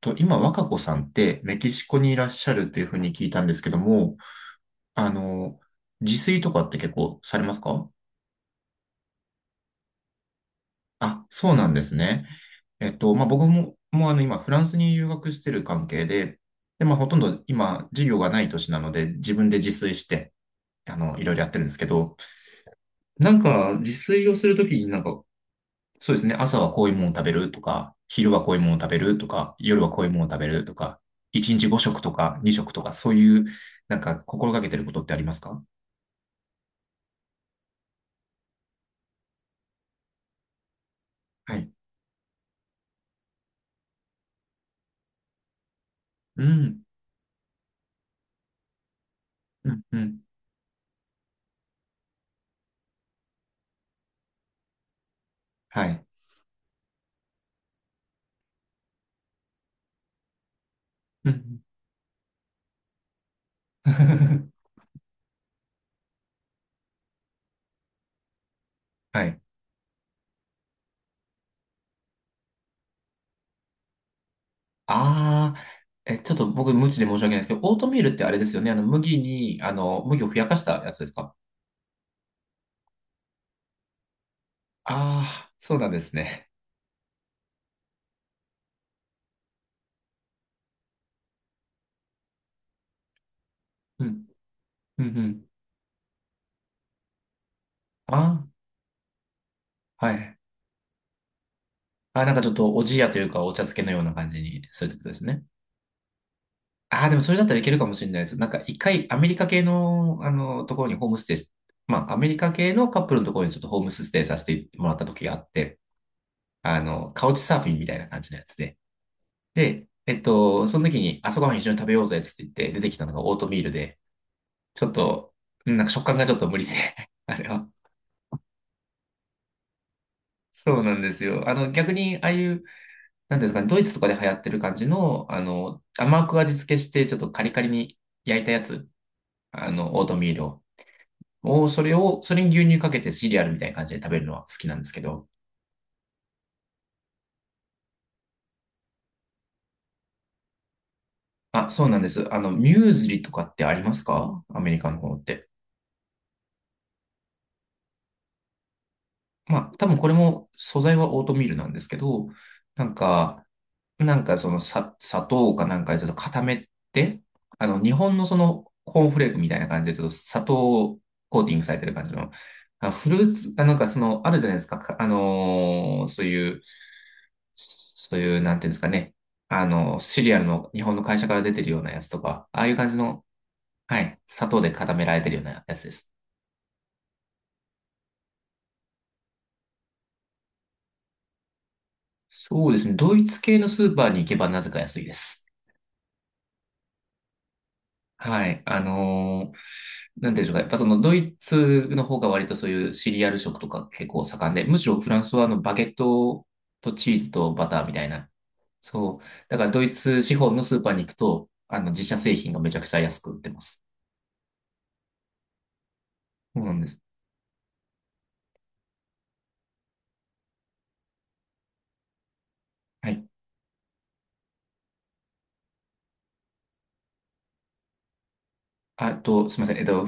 と、今、若子さんってメキシコにいらっしゃるというふうに聞いたんですけども、あの、自炊とかって結構されますか？あ、そうなんですね。まあ、僕も、もう今、フランスに留学してる関係で、で、まあ、ほとんど今、授業がない年なので、自分で自炊して、いろいろやってるんですけど、なんか、自炊をするときになんか、そうですね。朝はこういうものを食べるとか、昼はこういうものを食べるとか、夜はこういうものを食べるとか、1日5食とか2食とか、そういう、なんか心がけてることってありますか？はい。うん。うん。うん。はい。うん。はい。ああ、え、ちょっと僕無知で申し訳ないですけど、オートミールってあれですよね。麦に、麦をふやかしたやつですか？ああー、そうなんですね。うん。うん。うん。ああ、はい。あー、なんかちょっとおじやというか、お茶漬けのような感じにするってことですね。ああ、でもそれだったらいけるかもしれないです。なんか一回アメリカ系の、ところにホームステイし、まあアメリカ系のカップルのところにちょっとホームステイさせてもらった時があって、カウチサーフィンみたいな感じのやつで。で、その時に朝ごはん一緒に食べようぜっつって言って出てきたのがオートミールで、ちょっと、うん、なんか食感がちょっと無理で、あれは。そうなんですよ。逆に、ああいう、なんていうんですかね、ドイツとかで流行ってる感じの、甘く味付けして、ちょっとカリカリに焼いたやつ、オートミールを。それに牛乳かけてシリアルみたいな感じで食べるのは好きなんですけど。あ、そうなんです。ミューズリとかってありますか？アメリカの方って。まあ、多分これも素材はオートミールなんですけど、なんか、そのさ、砂糖かなんかでちょっと固めて、日本のそのコーンフレークみたいな感じでちょっと砂糖コーティングされてる感じの、あフルーツ、あ、なんかその、あるじゃないですか。そういう、なんていうんですかね。シリアルの日本の会社から出てるようなやつとか、ああいう感じの、はい、砂糖で固められてるようなやつです。そうですね。ドイツ系のスーパーに行けばなぜか安いです。はい。なんていうんでしょうか。やっぱそのドイツの方が割とそういうシリアル食とか結構盛んで、むしろフランスはバゲットとチーズとバターみたいな。そう。だからドイツ資本のスーパーに行くと、自社製品がめちゃくちゃ安く売ってます。そうなんです。はい。あと、すみません。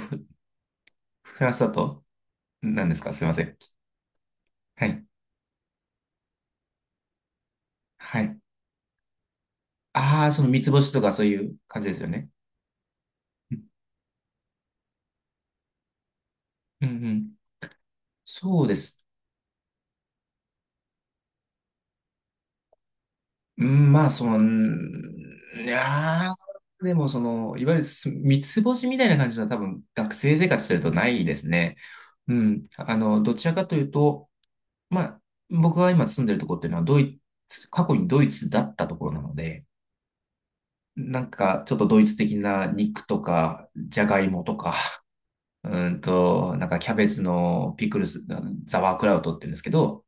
フランスだと、何ですかすいません。はい。はい。ああ、その三つ星とかそういう感じですよね。うんうんうん。そうです。うん、まあ、うん、いやー、でもその、いわゆる三つ星みたいな感じは多分学生生活してるとないですね。うん。どちらかというと、まあ、僕が今住んでるところっていうのはドイツ、過去にドイツだったところなので、なんかちょっとドイツ的な肉とか、じゃがいもとか、なんかキャベツのピクルス、ザワークラウトって言うんですけど、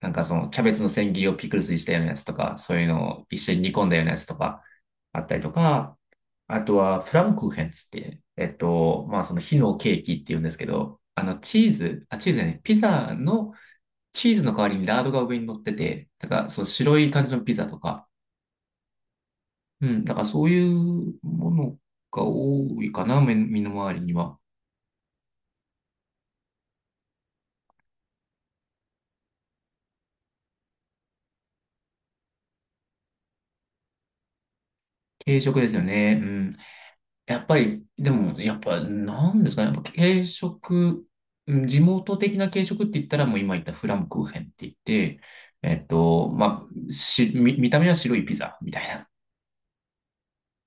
なんかそのキャベツの千切りをピクルスにしたようなやつとか、そういうのを一緒に煮込んだようなやつとかあったりとか、あとはフランクーヘンつって、まあその火のケーキって言うんですけど、チーズ、あ、チーズじゃない、ピザのチーズの代わりにラードが上に乗ってて、だからそう白い感じのピザとか、うん、だからそういうものが多いかな、目身の回りには。軽食ですよね。うん、やっぱり、でも、やっぱ、なんですかね。やっぱ軽食、うん、地元的な軽食って言ったら、もう今言ったフランクーヘンって言って、まあ、見た目は白いピザみたいな。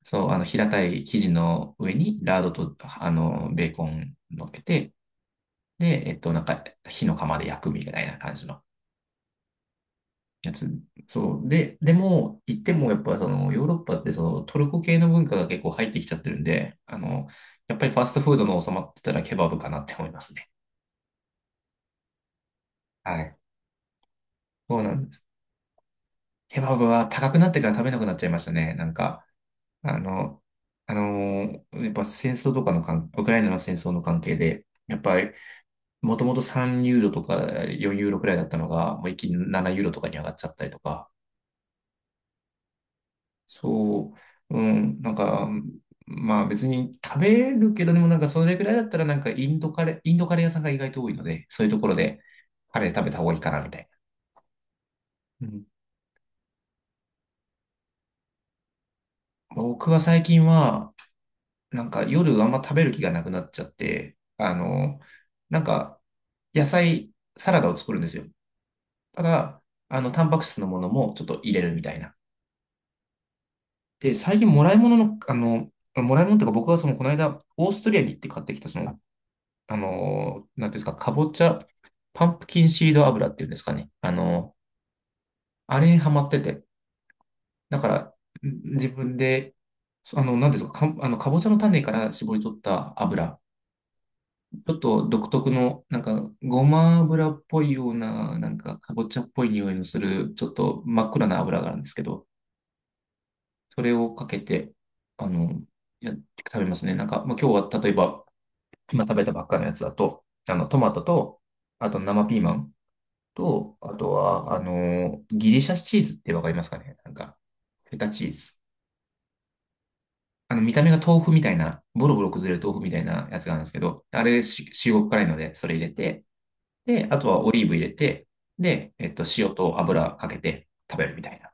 そう、平たい生地の上に、ラードと、ベーコン乗っけて、で、なんか、火の釜で焼くみたいな感じの。やつ。そう。で、でも、行ってもやっぱそのヨーロッパってそのトルコ系の文化が結構入ってきちゃってるんで、やっぱりファストフードの収まってたらケバブかなって思いますね。はい。そうなんです。ケバブは高くなってから食べなくなっちゃいましたね。なんか、あの、やっぱ戦争とかのウクライナの戦争の関係で、やっぱり、もともと3ユーロとか4ユーロくらいだったのが、もう一気に7ユーロとかに上がっちゃったりとか、そう、うん、なんか、まあ別に食べるけど、でもなんかそれぐらいだったらなんかインドカレー屋さんが意外と多いので、そういうところでカレー食べた方がいいかなみたいな。うん、僕は最近は、なんか夜あんま食べる気がなくなっちゃって、なんか野菜、サラダを作るんですよ。ただ、タンパク質のものもちょっと入れるみたいな。で、最近もらい物っていうか僕はそのこの間、オーストリアに行って買ってきたなんていうんですか、かぼちゃ、パンプキンシード油っていうんですかね。あれにハマってて。だから、自分で、そあの、なんていうんですか、かぼちゃの種から絞り取った油。ちょっと独特の、なんか、ごま油っぽいような、なんか、かぼちゃっぽい匂いのする、ちょっと真っ暗な油があるんですけど、それをかけて、あの、やって食べますね。なんか、まあ、今日は例えば、今食べたばっかのやつだと、トマトと、あと生ピーマン。と、あとは、ギリシャチーズってわかりますかね？なんか、フェタチーズ。見た目が豆腐みたいな、ボロボロ崩れる豆腐みたいなやつがあるんですけど、あれし、中国辛いので、それ入れて、で、あとはオリーブ入れて、で、塩と油かけて食べるみたいな。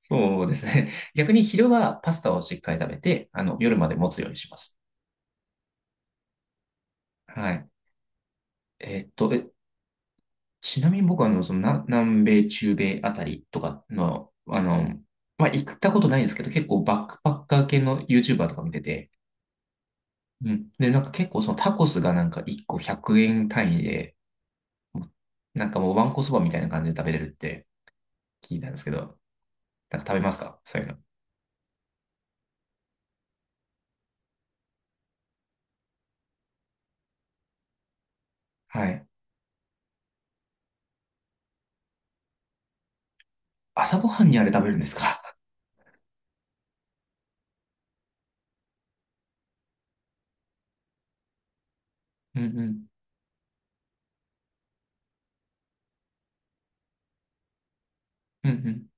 そうですね。逆に昼はパスタをしっかり食べて、夜まで持つようにします。はい。えっと、え、ちなみに僕は、南米、中米あたりとかの、まあ、行ったことないんですけど、結構バックパッカー系の YouTuber とか見てて、うん。で、なんか結構そのタコスがなんか1個100円単位で、もうなんかもうわんこそばみたいな感じで食べれるって聞いたんですけど、なんか食べますか？そういうの。はい。朝ごはんにあれ食べるんですか？ うんうん。うん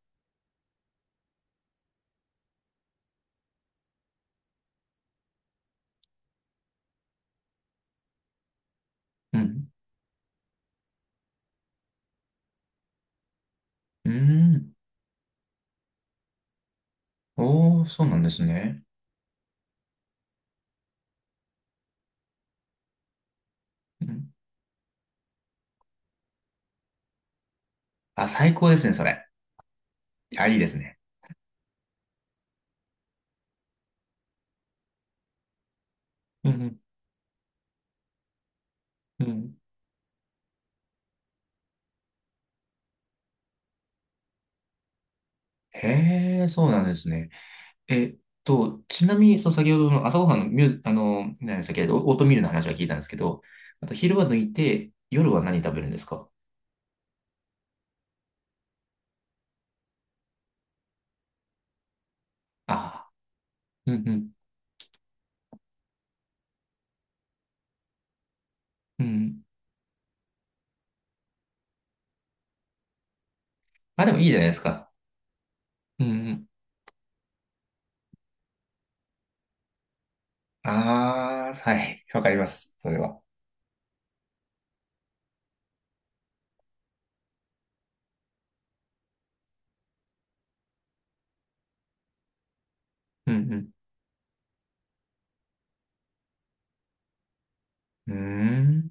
うん。うん。うーん。おー、そうなんですね。うん。あ、最高ですね、それ。いや、いいですね。うんうん。うん、へえ、そうなんですね。えっちなみに、その先ほどの朝ごはんのミュー、あの、何でしたっけ、オオートミールの話は聞いたんですけど、あと昼は抜いて、夜は何食べるんですか？ああー、うんうん、うん。あ、でもいいじゃないですか。うんうん。ああ、はい、わかります、それは。うんうん。うーん、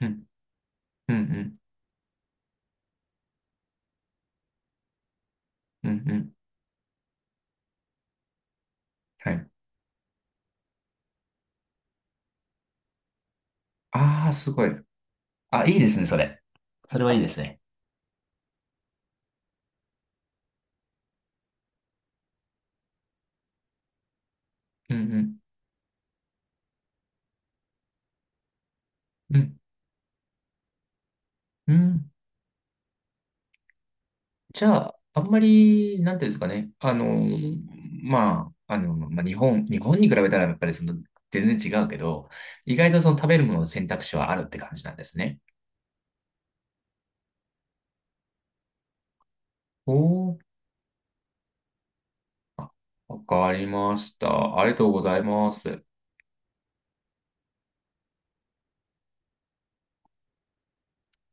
うん、うん、うん、うん、うん。はい。ああ、すごい。あ、いいですね、それ。それはいいですね。うんうん、うん、うん。じゃあ、あんまり、なんていうんですかね。まあ、まあ、日本に比べたらやっぱりその、全然違うけど、意外とその食べるものの選択肢はあるって感じなんですね。おー、あ、わかりました。ありがとうございます。